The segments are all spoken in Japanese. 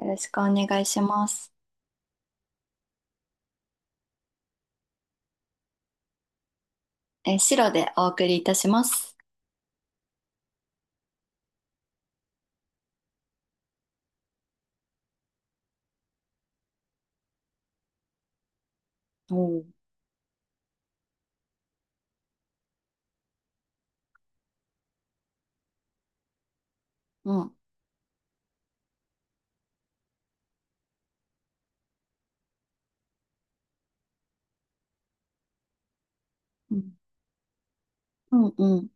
よろしくお願いします。白でお送りいたします。おう。うん。うん。うんうん。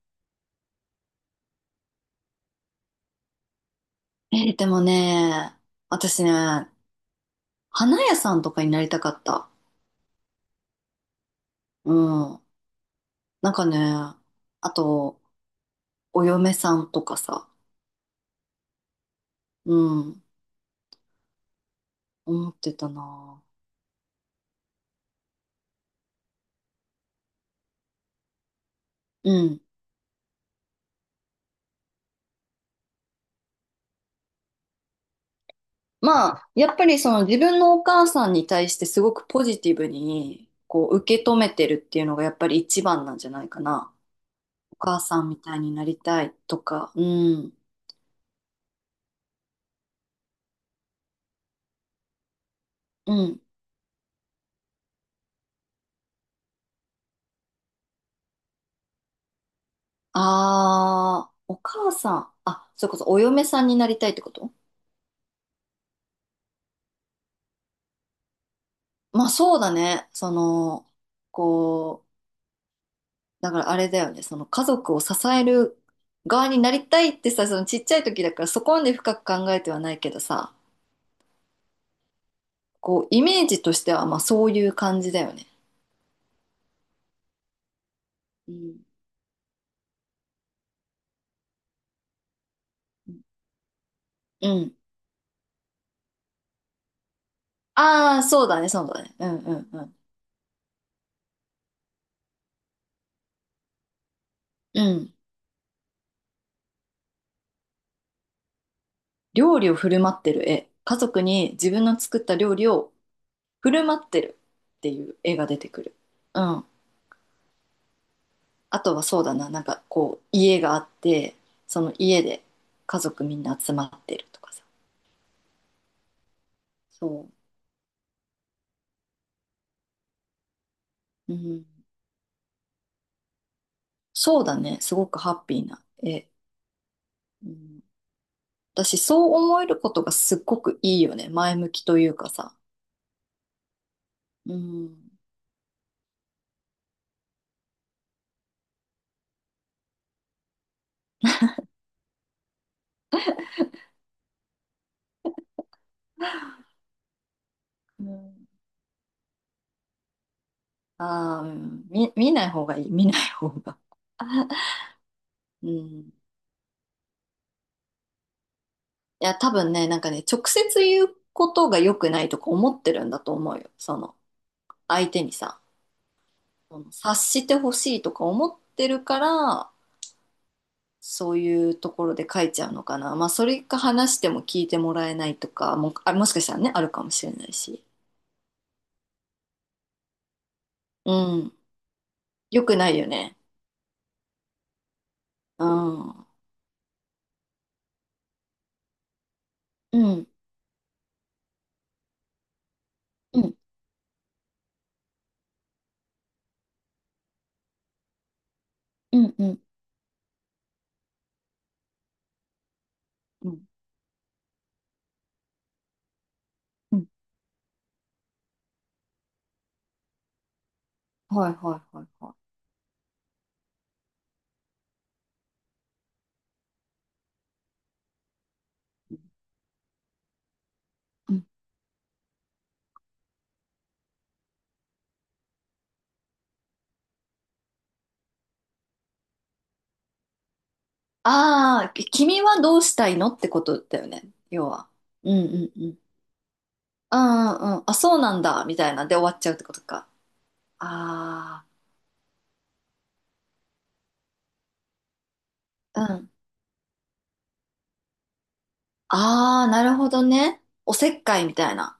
でもね、私ね、花屋さんとかになりたかった。うん。なんかね、あと、お嫁さんとかさ、うん、思ってたな。うん。まあ、やっぱりその自分のお母さんに対してすごくポジティブに、こう、受け止めてるっていうのがやっぱり一番なんじゃないかな。お母さんみたいになりたいとか、うん。うん。ああ、お母さん。あ、それこそお嫁さんになりたいってこと。まあそうだね。その、こう、だからあれだよね。その家族を支える側になりたいってさ、そのちっちゃい時だからそこまで深く考えてはないけどさ、こう、イメージとしてはまあそういう感じだよね。うん。うん。ああ、そうだね、そうだね。うんうんうん。うん。料理を振る舞ってる絵。家族に自分の作った料理を振る舞ってるっていう絵が出てくる。うん。あとはそうだな、なんかこう、家があって、その家で家族みんな集まってるとかさ。そう。うん。そうだね、すごくハッピーな絵。うん。私、そう思えることがすっごくいいよね。前向きというかさ。うん。うん、ああ、うん見、見ない方がいい、見ない方が。うん。いや、多分ね、なんかね、直接言うことが良くないとか思ってるんだと思うよ。その、相手にさ。その察してほしいとか思ってるから、そういうところで書いちゃうのかな。まあそれか話しても聞いてもらえないとかも、あ、もしかしたらね、あるかもしれないし。うん、よくないよね。うんうんうんうん。うんうんうん。はいはいはいはい。うん、ああ、き君はどうしたいのってことだよね、要は。うんうんうん。ああ、うん、あ、そうなんだみたいなで終わっちゃうってことか。あ、あん、ああ、なるほどね。おせっかいみたいな。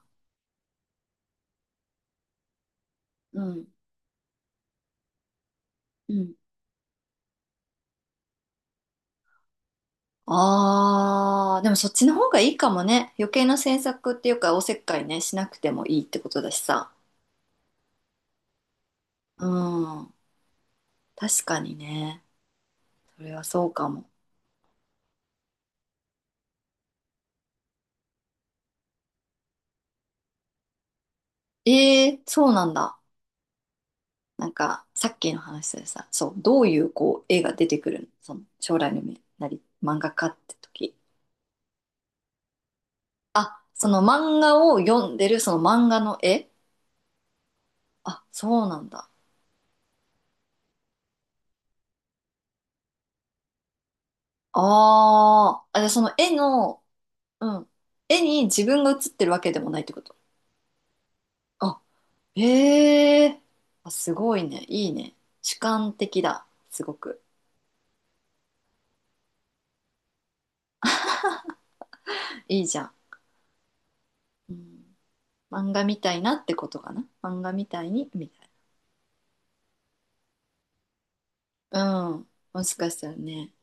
うん。うん。ああ、でもそっちの方がいいかもね。余計な詮索っていうか、おせっかいね、しなくてもいいってことだしさ。うん。確かにね。それはそうかも。ええ、そうなんだ。なんか、さっきの話でさ、そう、どういうこう、絵が出てくるのその、将来の夢なり、漫画家って時。その漫画を読んでる、その漫画の絵。あ、そうなんだ。ああ、あ、じゃあその絵の、うん。絵に自分が写ってるわけでもないってこと。あ、へえ。あ、すごいね。いいね。主観的だ。すごく。いいじゃん。うん、漫画みたいなってことかな。漫画みたいに、みたいな。うん。もしかしたらね。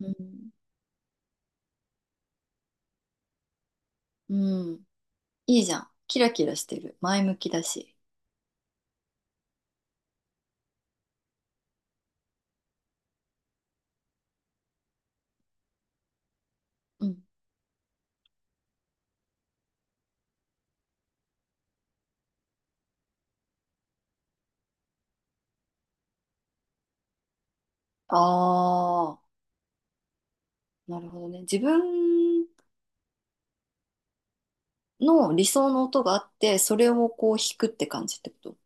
うん。うん。いいじゃん。キラキラしてる。前向きだし。うん。ああ、なるほどね。自分の理想の音があって、それをこう弾くって感じってこと。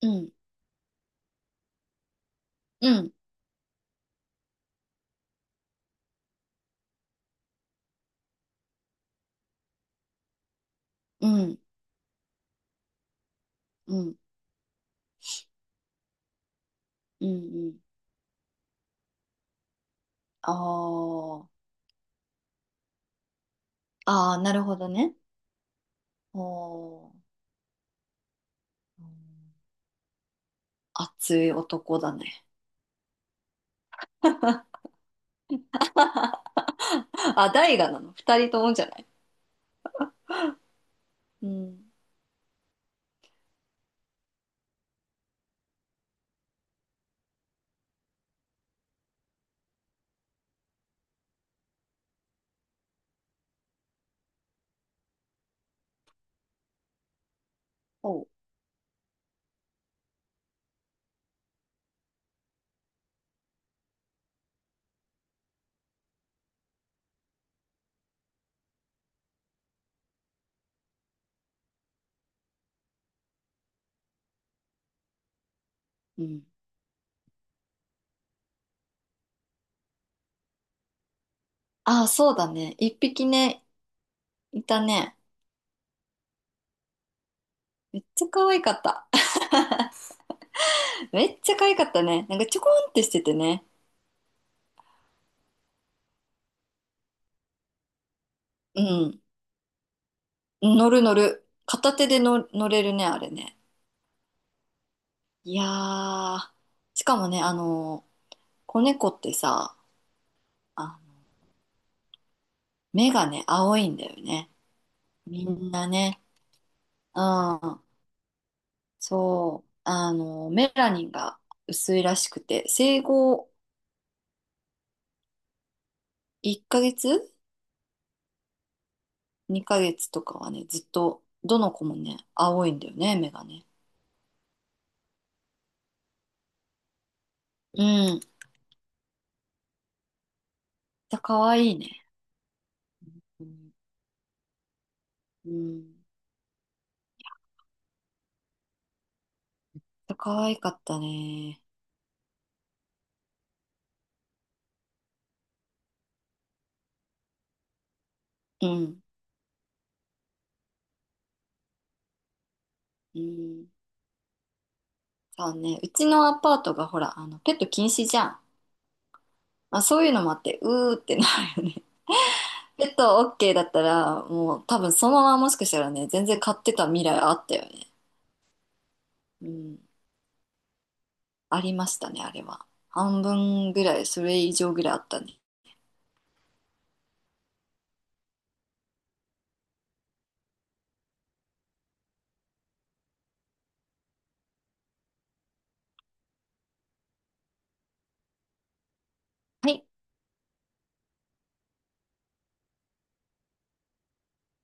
うん。うん。うん。うん。うんうん。あー、あー、なるほどね。おー、熱い男だね。あ、大河なの。二人ともじゃない。うん。おう。うん。ああ、そうだね。一匹ね、いたね。めっちゃ可愛かった。めっちゃ可愛かったね。なんかちょこんってしててね。うん。乗る乗る。片手での乗れるね、あれね。いやー。しかもね、子猫ってさ、あ、目がね、青いんだよね。みんなね。うん。そう、あの、メラニンが薄いらしくて、生後1ヶ月 ?2 ヶ月とかはね、ずっと、どの子もね、青いんだよね、目がね。うん。じゃ、可愛いね。うん。うん。可愛かったね。うん。うん。そうね、うちのアパートがほら、あの、ペット禁止じゃん。まあ、そういうのもあって、うーってなるよね。ペット OK だったら、もう多分そのままもしかしたらね、全然飼ってた未来あったよね。うん。ありましたね、あれは。半分ぐらい、それ以上ぐらいあったね。はい